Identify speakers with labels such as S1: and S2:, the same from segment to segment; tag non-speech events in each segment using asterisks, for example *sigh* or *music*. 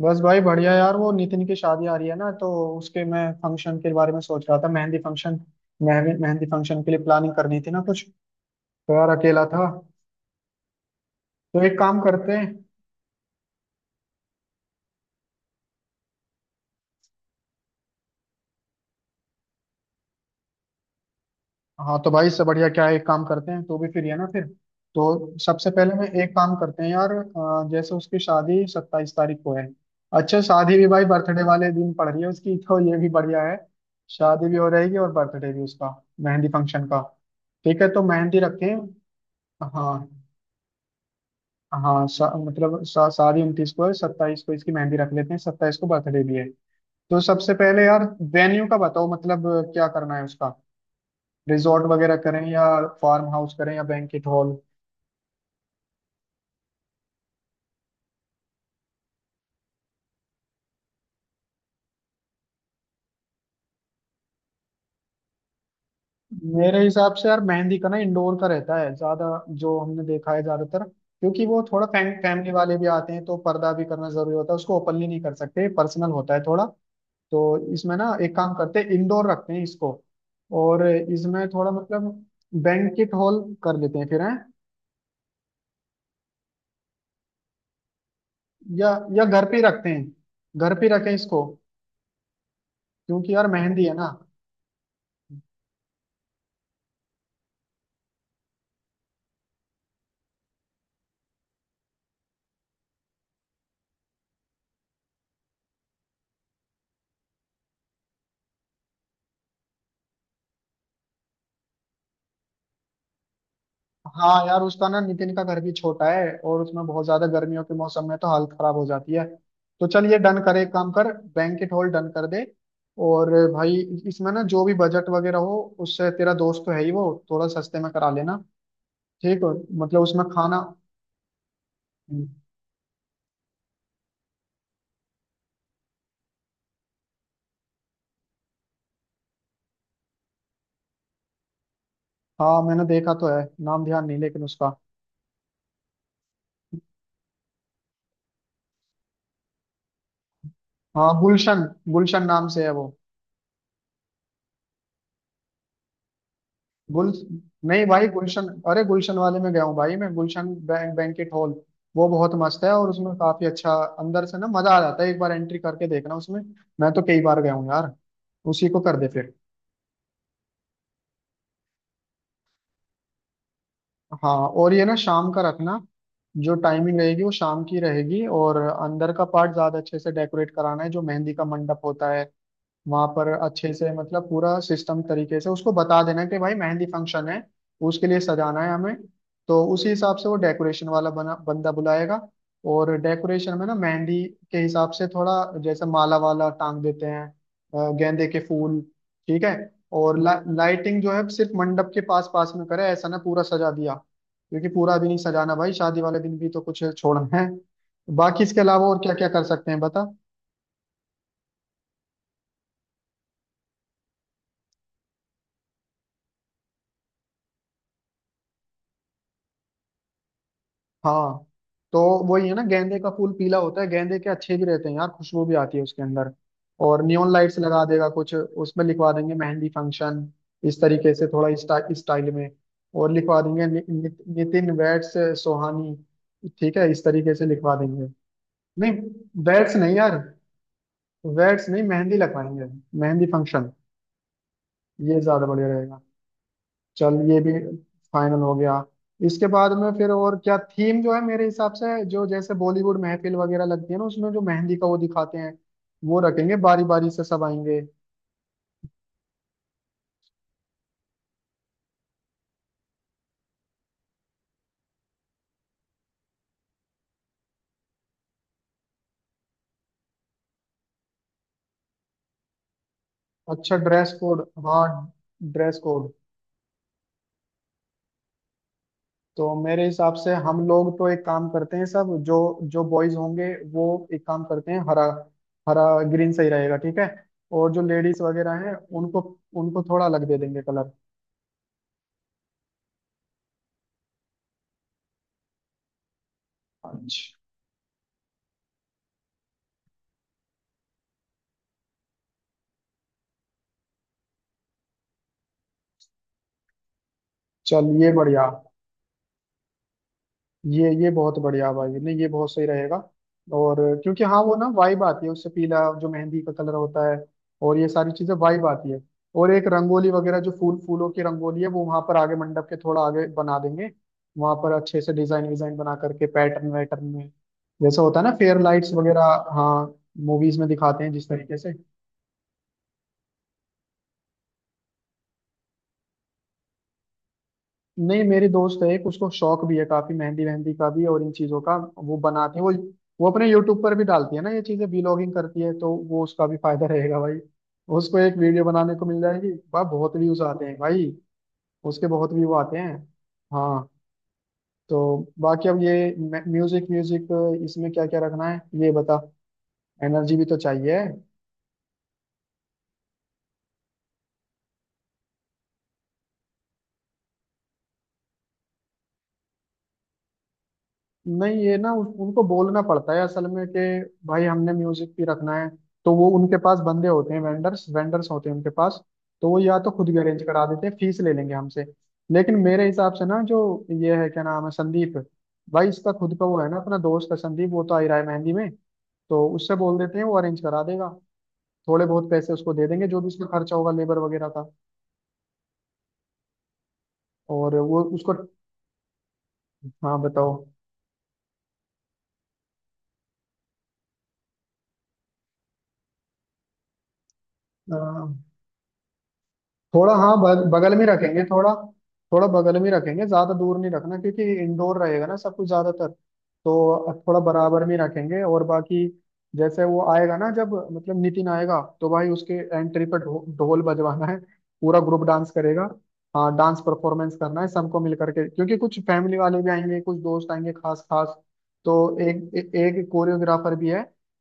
S1: बस भाई बढ़िया यार, वो नितिन की शादी आ रही है ना, तो उसके मैं फंक्शन के बारे में सोच रहा था। मेहंदी फंक्शन, मेहंदी मेहंदी फंक्शन के लिए प्लानिंग करनी थी ना कुछ। तो यार अकेला था। तो एक काम करते हैं। हाँ, तो भाई इससे बढ़िया क्या है, एक काम करते हैं, तो भी फ्री है ना फिर। तो सबसे पहले मैं, एक काम करते हैं यार, जैसे उसकी शादी 27 तारीख को है। अच्छा, शादी भी भाई बर्थडे वाले दिन पड़ रही है उसकी *laughs* तो ये भी बढ़िया है। शादी भी हो रहेगी और बर्थडे भी उसका। मेहंदी फंक्शन का ठीक है, तो मेहंदी रखते हैं। हाँ। हाँ, सारी 29 को है, 27 को इसकी मेहंदी रख लेते हैं, 27 को बर्थडे भी है। तो सबसे पहले यार वेन्यू का बताओ, मतलब क्या करना है उसका। रिजॉर्ट वगैरह करें या फार्म हाउस करें या बैंकेट हॉल। मेरे हिसाब से यार मेहंदी का ना इंडोर का रहता है ज्यादा, जो हमने देखा है ज्यादातर, क्योंकि वो थोड़ा फैमिली वाले भी आते हैं, तो पर्दा भी करना जरूरी होता है, उसको ओपनली नहीं कर सकते, पर्सनल होता है थोड़ा। तो इसमें ना एक काम करते हैं, इंडोर रखते हैं इसको। और इसमें थोड़ा मतलब बैंकेट हॉल कर लेते हैं फिर। हैं या या घर पे ही रखते हैं, घर पे ही रखें इसको, क्योंकि यार मेहंदी है ना। हाँ यार, उसका ना नितिन का घर भी छोटा है, और उसमें बहुत ज्यादा गर्मियों के मौसम में तो हालत खराब हो जाती है। तो चल ये डन करे, एक काम कर, बैंकेट हॉल डन कर दे। और भाई इसमें ना जो भी बजट वगैरह हो, उससे तेरा दोस्त तो है ही वो, थोड़ा सस्ते में करा लेना, ठीक हो। मतलब उसमें खाना। हाँ मैंने देखा तो है, नाम ध्यान नहीं लेकिन उसका। हाँ, गुलशन, गुलशन नाम से है वो। गुल, नहीं भाई गुलशन, अरे गुलशन वाले में गया हूँ भाई मैं। गुलशन बैंकेट हॉल, वो बहुत मस्त है और उसमें काफी अच्छा अंदर से ना मजा आ जाता है, एक बार एंट्री करके देखना उसमें। मैं तो कई बार गया हूँ यार। उसी को कर दे फिर। हाँ। और ये ना शाम का रखना, जो टाइमिंग रहेगी वो शाम की रहेगी, और अंदर का पार्ट ज्यादा अच्छे से डेकोरेट कराना है, जो मेहंदी का मंडप होता है वहां पर अच्छे से, मतलब पूरा सिस्टम तरीके से उसको बता देना कि भाई मेहंदी फंक्शन है, उसके लिए सजाना है हमें। तो उसी हिसाब से वो डेकोरेशन वाला बना बंदा बुलाएगा। और डेकोरेशन में ना मेहंदी के हिसाब से थोड़ा, जैसे माला वाला टांग देते हैं, गेंदे के फूल, ठीक है। और लाइटिंग जो है सिर्फ मंडप के पास पास में करे, ऐसा ना पूरा सजा दिया, क्योंकि पूरा भी नहीं सजाना भाई, शादी वाले दिन भी तो कुछ छोड़ना है। बाकी इसके अलावा और क्या क्या कर सकते हैं बता। हाँ, तो वही है ना, गेंदे का फूल पीला होता है, गेंदे के अच्छे भी रहते हैं यार, खुशबू भी आती है उसके अंदर। और नियॉन लाइट्स लगा देगा, कुछ उसमें लिखवा देंगे मेहंदी फंक्शन, इस तरीके से थोड़ा इस स्टाइल में। और लिखवा देंगे नि, नि, नितिन वैट्स सोहानी, ठीक है, इस तरीके से लिखवा देंगे। नहीं वैट्स नहीं यार, वैट्स नहीं, मेहंदी लगवाएंगे, मेहंदी फंक्शन। ये ज्यादा बढ़िया रहेगा। चल ये भी फाइनल हो गया। इसके बाद में फिर और क्या, थीम जो है मेरे हिसाब से, जो जैसे बॉलीवुड महफिल वगैरह लगती है ना, उसमें जो मेहंदी का वो दिखाते हैं, वो रखेंगे, बारी बारी से सब आएंगे। अच्छा ड्रेस कोड, हाँ ड्रेस कोड। तो मेरे हिसाब से हम लोग तो, एक काम करते हैं सब जो, जो बॉयज होंगे वो, एक काम करते हैं हरा, हरा ग्रीन सही रहेगा, ठीक है। और जो लेडीज वगैरह हैं, उनको, उनको थोड़ा अलग दे देंगे कलर। अच्छा चल ये बढ़िया, ये बहुत बढ़िया भाई, नहीं ये बहुत सही रहेगा। और क्योंकि हाँ वो ना वाइब आती है उससे, पीला जो मेहंदी का कलर होता है, और ये सारी चीजें, वाइब आती है। और एक रंगोली वगैरह, जो फूल फूलों की रंगोली है, वो वहां पर आगे, मंडप के थोड़ा आगे बना देंगे। वहां पर अच्छे से डिजाइन विजाइन बना करके, पैटर्न वैटर्न में, जैसा होता है ना, फेयर लाइट्स वगैरह। हाँ, मूवीज में दिखाते हैं जिस तरीके से। नहीं, मेरी दोस्त है एक, उसको शौक भी है काफी मेहंदी मेहंदी का भी और इन चीजों का, वो बनाती है वो। वो अपने यूट्यूब पर भी डालती है ना ये चीजें, व्लॉगिंग करती है, तो वो उसका भी फायदा रहेगा भाई, उसको एक वीडियो बनाने को मिल जाएगी भाई, बहुत व्यूज आते हैं भाई, उसके बहुत व्यू आते हैं। हाँ। तो बाकी अब ये म्यूजिक, म्यूजिक इसमें क्या क्या रखना है ये बता, एनर्जी भी तो चाहिए। नहीं ये ना उनको बोलना पड़ता है असल में कि भाई हमने म्यूजिक भी रखना है, तो वो उनके पास बंदे होते हैं, वेंडर्स वेंडर्स होते हैं उनके पास। तो वो या तो खुद भी अरेंज करा देते हैं, फीस ले लेंगे हमसे। लेकिन मेरे हिसाब से ना जो ये है, क्या नाम है, संदीप, भाई इसका खुद का वो है ना, अपना दोस्त है संदीप, वो तो आ ही रहा है मेहंदी में, तो उससे बोल देते हैं, वो अरेंज करा देगा, थोड़े बहुत पैसे उसको दे देंगे, जो भी उसका खर्चा होगा लेबर वगैरह का। और वो उसको, हाँ बताओ। थोड़ा हाँ बगल में रखेंगे थोड़ा, थोड़ा बगल में रखेंगे, ज्यादा दूर नहीं रखना क्योंकि इंडोर रहेगा ना सब कुछ ज्यादातर, तो थोड़ा बराबर में रखेंगे। और बाकी जैसे वो आएगा ना जब, मतलब नितिन आएगा, तो भाई उसके एंट्री पर ढोल बजवाना है, पूरा ग्रुप डांस करेगा। हाँ डांस परफॉर्मेंस करना है सबको मिल करके, क्योंकि कुछ फैमिली वाले भी आएंगे, कुछ दोस्त आएंगे खास खास। तो एक कोरियोग्राफर भी है,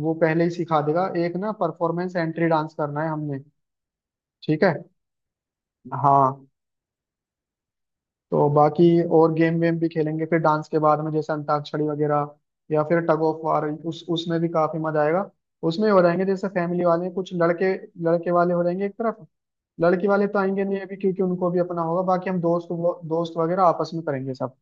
S1: वो पहले ही सिखा देगा, एक ना परफॉर्मेंस एंट्री डांस करना है हमने, ठीक है। हाँ। तो बाकी और गेम वेम भी खेलेंगे फिर डांस के बाद में, जैसे अंताक्षरी वगैरह, या फिर टग ऑफ वार, उस उसमें भी काफी मजा आएगा। उसमें हो जाएंगे जैसे फैमिली वाले, कुछ लड़के, लड़के वाले हो जाएंगे एक तरफ, लड़की वाले तो आएंगे नहीं अभी, क्योंकि उनको भी अपना होगा, बाकी हम दोस्त दोस्त वगैरह आपस में करेंगे सब।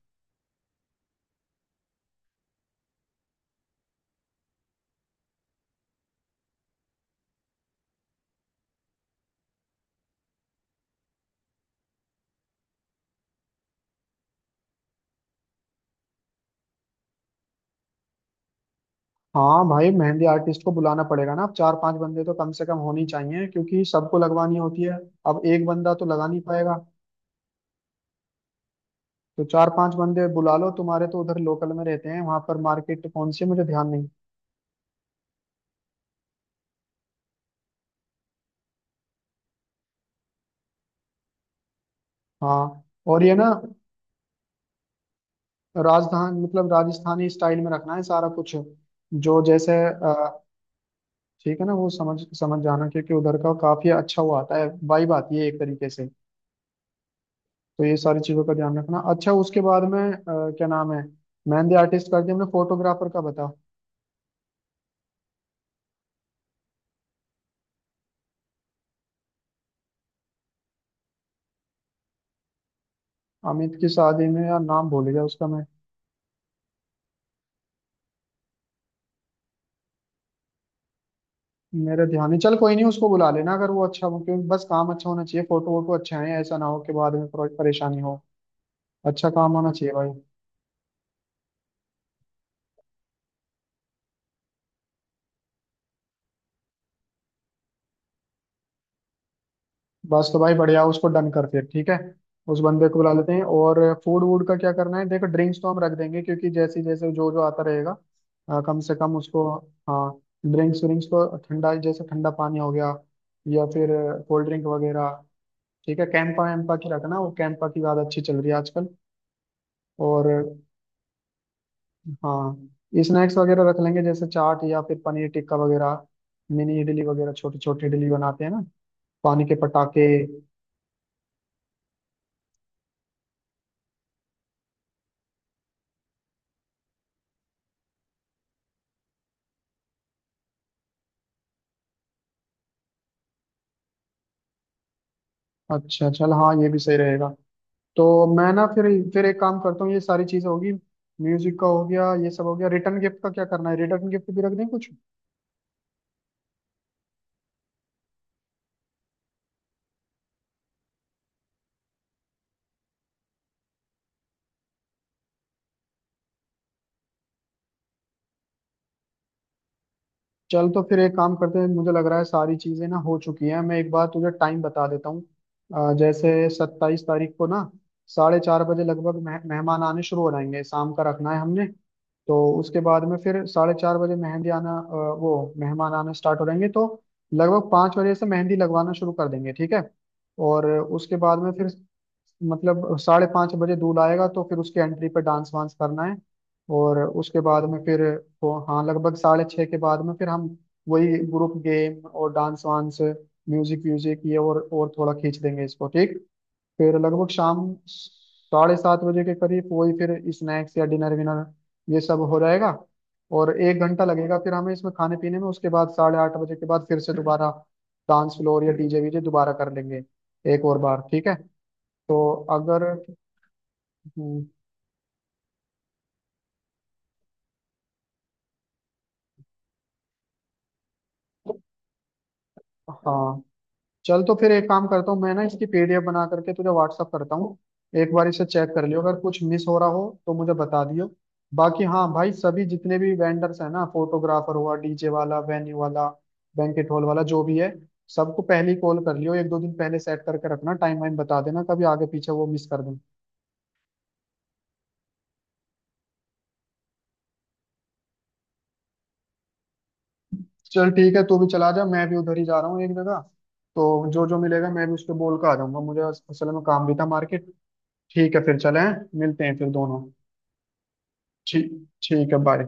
S1: हाँ भाई मेहंदी आर्टिस्ट को बुलाना पड़ेगा ना, अब चार पांच बंदे तो कम से कम होने ही चाहिए, क्योंकि सबको लगवानी होती है, अब एक बंदा तो लगा नहीं पाएगा। तो चार पांच बंदे बुला लो, तुम्हारे तो उधर लोकल में रहते हैं, वहां पर मार्केट कौन सी है, मुझे ध्यान नहीं। हाँ। और ये ना राजधान मतलब राजस्थानी स्टाइल में रखना है सारा कुछ, जो जैसे ठीक है ना, वो समझ समझ जाना, क्योंकि उधर का काफी अच्छा वो आता है, वाइब आती है एक तरीके से। तो ये सारी चीजों का ध्यान रखना। अच्छा, उसके बाद में क्या नाम है, मेहंदी आर्टिस्ट कर दिया हमने, फोटोग्राफर का बता। अमित की शादी में, यार नाम भूल गया उसका मैं, मेरे ध्यान नहीं, चल कोई नहीं, उसको बुला लेना अगर वो अच्छा हो, क्योंकि बस काम अच्छा होना चाहिए, फोटो वोटो अच्छा है, ऐसा ना हो कि बाद में परेशानी हो, अच्छा काम होना चाहिए भाई। बस तो भाई बढ़िया, उसको डन कर फिर ठीक है, उस बंदे को बुला लेते हैं। और फूड वूड का क्या करना है, देखो ड्रिंक्स तो हम रख देंगे, क्योंकि जैसे जैसे जो जो आता रहेगा, कम से कम उसको, हाँ ड्रिंक्स व्रिंक्स तो, ठंडा जैसे ठंडा पानी हो गया, या फिर कोल्ड ड्रिंक वगैरह, ठीक है कैंपा वैम्पा की रखना, वो कैंपा की ज़्यादा अच्छी चल रही है आजकल। और हाँ स्नैक्स वगैरह रख लेंगे, जैसे चाट या फिर पनीर टिक्का वगैरह, मिनी इडली वगैरह, छोटी छोटी इडली बनाते हैं ना, पानी के पटाखे। अच्छा चल हाँ, ये भी सही रहेगा। तो मैं ना फिर एक काम करता हूँ, ये सारी चीजें होगी, म्यूजिक का हो गया, ये सब हो गया, रिटर्न गिफ्ट का क्या करना है, रिटर्न गिफ्ट भी रख दें कुछ। चल तो फिर एक काम करते हैं, मुझे लग रहा है सारी चीजें ना हो चुकी हैं, मैं एक बार तुझे टाइम बता देता हूँ। जैसे सत्ताईस तारीख को ना 4:30 बजे लगभग मेहमान आने शुरू हो जाएंगे, शाम का रखना है हमने। तो उसके बाद में फिर 4:30 बजे मेहंदी आना, वो मेहमान आना स्टार्ट हो जाएंगे, तो लगभग 5 बजे से मेहंदी लगवाना शुरू कर देंगे, ठीक है। और उसके बाद में फिर, मतलब 5:30 बजे दूल्हा आएगा, तो फिर उसके एंट्री पे डांस वांस करना है। और उसके बाद में फिर, वो हाँ लगभग 6:30 के बाद में फिर हम वही ग्रुप गेम और डांस वांस म्यूजिक व्यूजिक ये, और थोड़ा खींच देंगे इसको ठीक। फिर लगभग शाम 7:30 बजे के करीब वही फिर स्नैक्स या डिनर विनर, ये सब हो जाएगा। और एक घंटा लगेगा फिर हमें इसमें खाने पीने में, उसके बाद 8:30 बजे के बाद फिर से दोबारा डांस फ्लोर या डीजे वीजे दोबारा कर लेंगे, एक और बार, ठीक है। तो अगर हम्म, हाँ चल, तो फिर एक काम करता हूँ मैं ना, इसकी पीडीएफ बना करके तुझे व्हाट्सअप करता हूँ, एक बार इसे चेक कर लियो, अगर कुछ मिस हो रहा हो तो मुझे बता दियो। बाकी हाँ भाई सभी जितने भी वेंडर्स हैं ना, फोटोग्राफर हुआ, डीजे वाला, वेन्यू वाला, बैंकेट हॉल वाला, जो भी है, सबको पहले ही कॉल कर लियो, एक दो दिन पहले सेट करके रखना, टाइम वाइम बता देना, कभी आगे पीछे वो मिस कर दूँ। चल ठीक है, तू भी चला जा, मैं भी उधर ही जा रहा हूँ एक जगह। तो जो जो मिलेगा मैं भी उस पर बोल कर आ जाऊंगा, मुझे असल में काम भी था मार्केट। ठीक है फिर, चले, मिलते हैं फिर दोनों। ठीक, ठीक है बाय।